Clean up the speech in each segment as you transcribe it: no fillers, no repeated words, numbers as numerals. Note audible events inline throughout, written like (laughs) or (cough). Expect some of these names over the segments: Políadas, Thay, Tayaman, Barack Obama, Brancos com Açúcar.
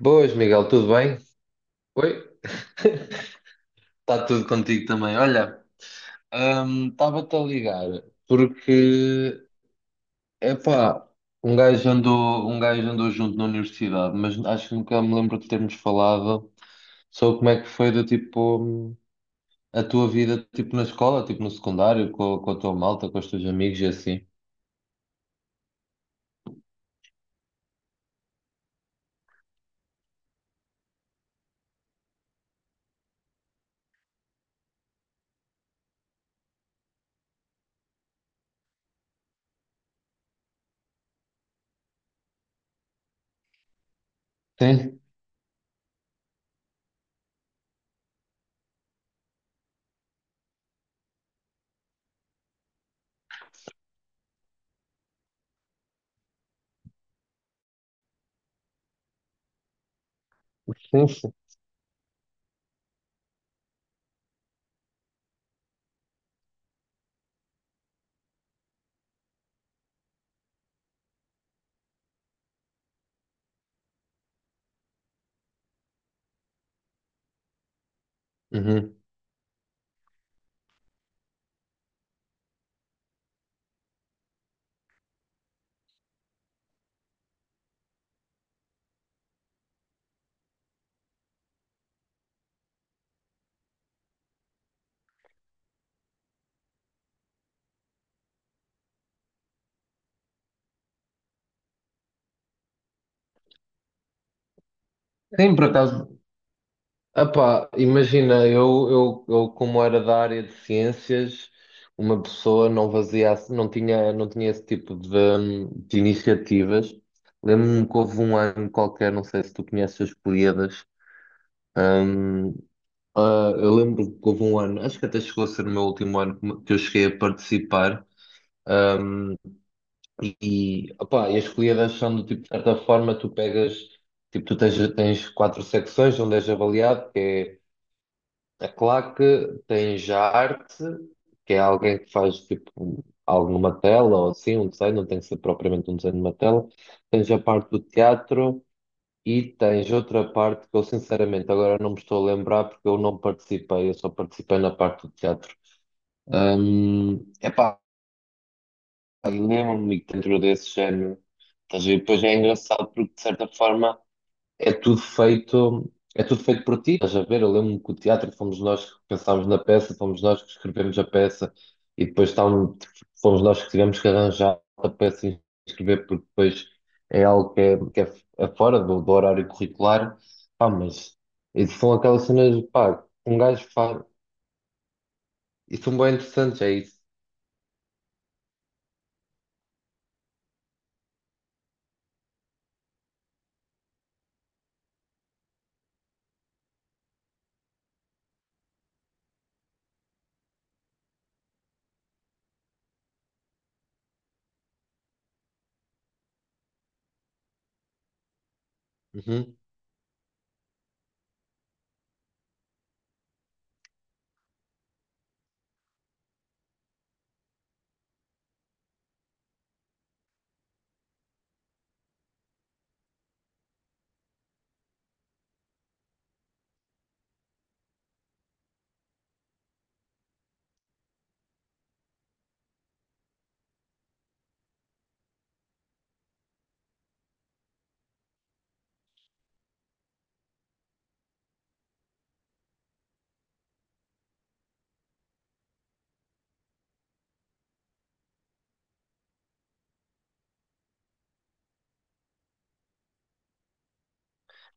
Boas, Miguel, tudo bem? Oi? Está tudo contigo também. Olha, estava-te a ligar porque, epá, um gajo andou, um gajo andou junto na universidade, mas acho que nunca me lembro de termos falado sobre como é que foi do tipo a tua vida tipo na escola, tipo no secundário, com a tua malta, com os teus amigos e assim. Sim, sim, sim. Uhum. Sim, por acaso. Ah pá, imagina, eu como era da área de ciências, uma pessoa não tinha esse tipo de iniciativas. Lembro-me que houve um ano qualquer, não sei se tu conheces as Políadas. hum, ah, eu lembro que houve um ano, acho que até chegou a ser o meu último ano que eu cheguei a participar. hum, e, opá, e as Políadas são do tipo, de certa forma, tu pegas, tipo, tens quatro secções onde és avaliado, que é a claque, tem já arte, que é alguém que faz tipo algo numa tela ou assim, um desenho, não tem que ser propriamente um desenho numa tela. Tens a parte do teatro e tens outra parte que eu sinceramente agora não me estou a lembrar porque eu não participei, eu só participei na parte do teatro. Epá, lembro-me que dentro desse género, estás a ver? Depois é engraçado porque de certa forma é tudo feito por ti. Estás a ver? Eu lembro-me que o teatro fomos nós que pensámos na peça, fomos nós que escrevemos a peça e depois fomos nós que tivemos que arranjar a peça e escrever, porque depois é algo é fora do, do horário curricular. Pá, mas isso são aquelas cenas, pá, que um gajo faz. E são bem interessantes, é isso. Uhum.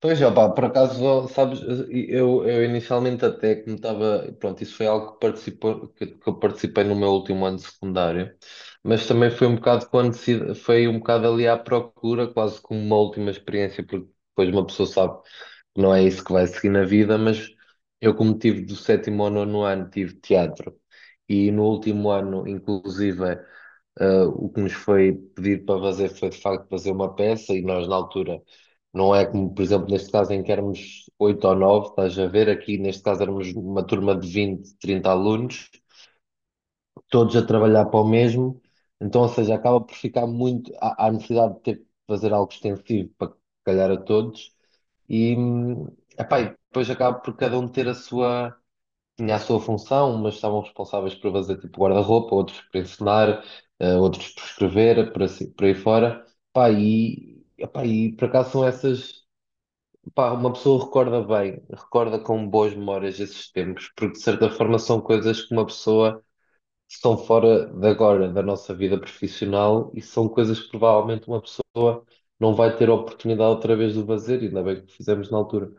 Pois, opá, por acaso, sabes, eu inicialmente até que me estava, pronto, isso foi algo que participou, que eu participei no meu último ano de secundário, mas também foi um bocado quando se, foi um bocado ali à procura, quase como uma última experiência, porque depois uma pessoa sabe que não é isso que vai seguir na vida, mas eu como tive do sétimo ao nono ano, tive teatro, e no último ano, inclusive, ah, o que nos foi pedido para fazer foi, de facto, fazer uma peça e nós, na altura, não é como, por exemplo, neste caso em que éramos oito ou nove, estás a ver, aqui neste caso éramos uma turma de 20 30 alunos, todos a trabalhar para o mesmo, então, ou seja, acaba por ficar muito, há necessidade de ter que fazer algo extensivo para calhar a todos, e, epá, e depois acaba por cada um ter a sua, tinha a sua função, mas estavam responsáveis por fazer tipo guarda-roupa, outros por ensinar, outros por escrever, por, assim, por aí fora. Epá, e por acaso são essas. Pá, uma pessoa recorda bem, recorda com boas memórias esses tempos, porque de certa forma são coisas que uma pessoa estão fora de agora, da nossa vida profissional, e são coisas que provavelmente uma pessoa não vai ter a oportunidade outra vez de fazer, ainda bem que fizemos na altura.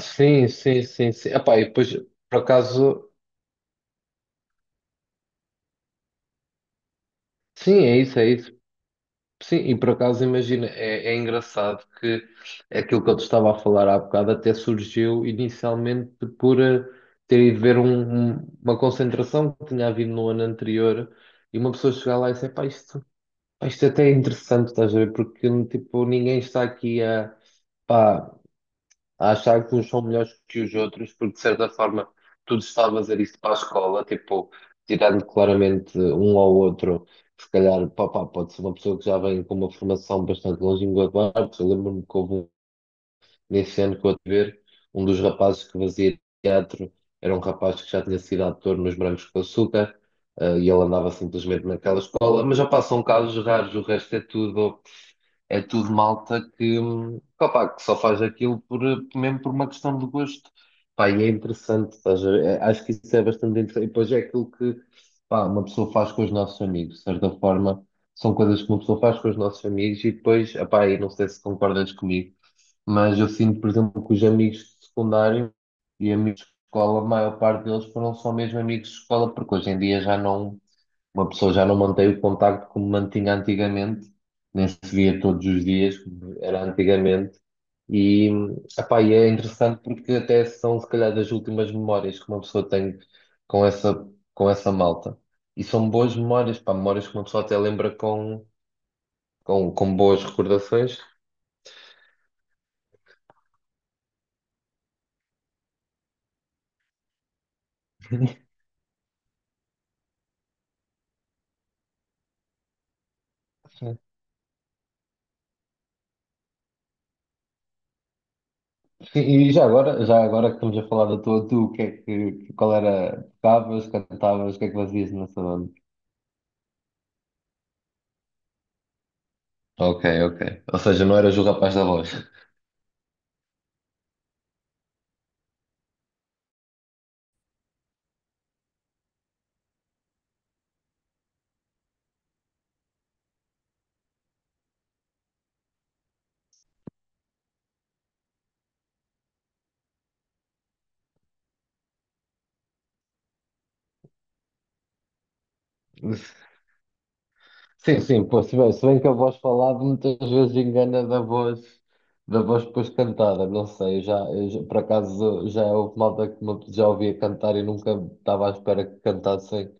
Sim, sim, sim, sim. Epá, e depois, por acaso. Sim, é isso, é isso. Sim, e por acaso imagina, é engraçado que é aquilo que eu te estava a falar há bocado, até surgiu inicialmente por ter ido ver uma concentração que tinha havido no ano anterior e uma pessoa chegar lá e dizer, pá, isto até é interessante, estás a ver? Porque tipo, ninguém está aqui a, pá, a achar que uns são melhores que os outros, porque de certa forma tu estás a fazer isto para a escola, tipo, tirando claramente um ao outro, se calhar, pá, pode ser uma pessoa que já vem com uma formação bastante longínqua de artes. Eu lembro-me que nesse ano que eu tive ver, um dos rapazes que fazia teatro era um rapaz que já tinha sido ator nos Brancos com Açúcar. E ele andava simplesmente naquela escola, mas já passam casos raros, o resto é tudo malta opá, que só faz aquilo por, mesmo por uma questão de gosto. Pá, e é interessante, estás a ver? É- acho que isso é bastante interessante. E depois é aquilo que, pá, uma pessoa faz com os nossos amigos, de certa forma, são coisas que uma pessoa faz com os nossos amigos e depois, opá, e não sei se concordas comigo, mas eu sinto, por exemplo, que os amigos de secundário e amigos de escola, a maior parte deles foram só mesmo amigos de escola, porque hoje em dia já não uma pessoa já não mantém o contacto como mantinha antigamente, nem se via todos os dias, como era antigamente. E, epá, e é interessante porque até são, se calhar, das últimas memórias que uma pessoa tem com essa, com essa malta. E são boas memórias, pá, memórias que uma pessoa até lembra com boas recordações. Sim. E já agora que estamos a falar da tua, tu, o que é que, qual era, tocavas, cantavas, o que é que fazias nessa banda? Ok, ok. Ou seja, não eras o rapaz da voz. (laughs) Sim, sim, pô, se bem, se bem que a voz falada muitas vezes engana da voz depois cantada, não sei, eu já- por acaso já é houve malta já ouvia cantar e nunca estava à espera que cantassem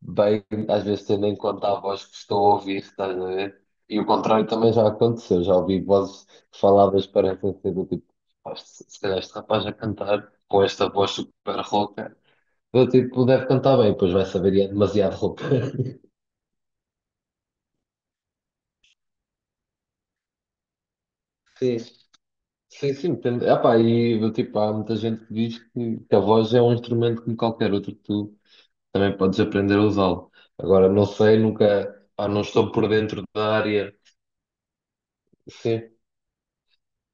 bem, às vezes tendo em conta a voz que estou a ouvir, estás a ver? E o contrário também já aconteceu, já ouvi vozes faladas que parecem ser do tipo, "Pá, se calhar este rapaz a cantar com esta voz super rouca, do tipo, deve cantar bem, pois vai saber e é demasiado rouca." (laughs) Sim. Sim, sim, depende. Epá, e do tipo, há muita gente que diz que a voz é um instrumento como qualquer outro que tu também podes aprender a usá-lo. Agora, não sei, nunca, pá, não estou por dentro da área. Sim.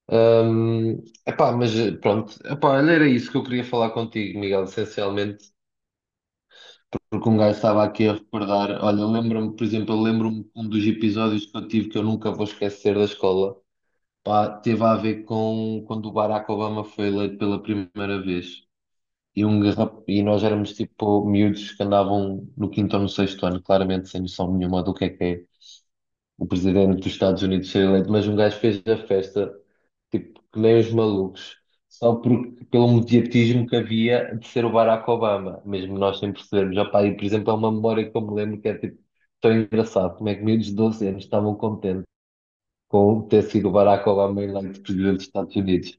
Epá, mas pronto, epá, olha, era isso que eu queria falar contigo, Miguel, essencialmente, porque um gajo estava aqui a recordar. Olha, lembro-me, por exemplo, eu lembro-me que um dos episódios que eu tive, que eu nunca vou esquecer da escola, pá, teve a ver com quando o Barack Obama foi eleito pela primeira vez. E, e nós éramos tipo miúdos que andavam no quinto ou no sexto ano, claramente sem noção nenhuma do que é o presidente dos Estados Unidos ser eleito, mas um gajo fez a festa, tipo, que nem os malucos, só porque, pelo mediatismo que havia de ser o Barack Obama, mesmo nós sem percebermos. Opá, e, por exemplo, é uma memória que eu me lembro que é tipo tão engraçado, como é que miúdos de 12 anos estavam contentes com ter sido o Barack Obama eleito presidente dos Estados Unidos.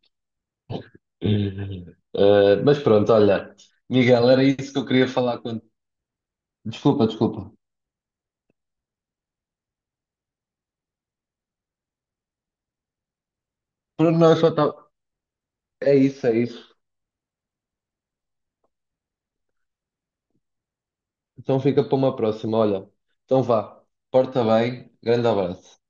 (laughs) Mas pronto, olha. Miguel, era isso que eu queria falar contigo. Desculpa, desculpa. Pronto. Não, é isso, é isso. Então fica para uma próxima, olha. Então vá. Porta bem. Grande abraço.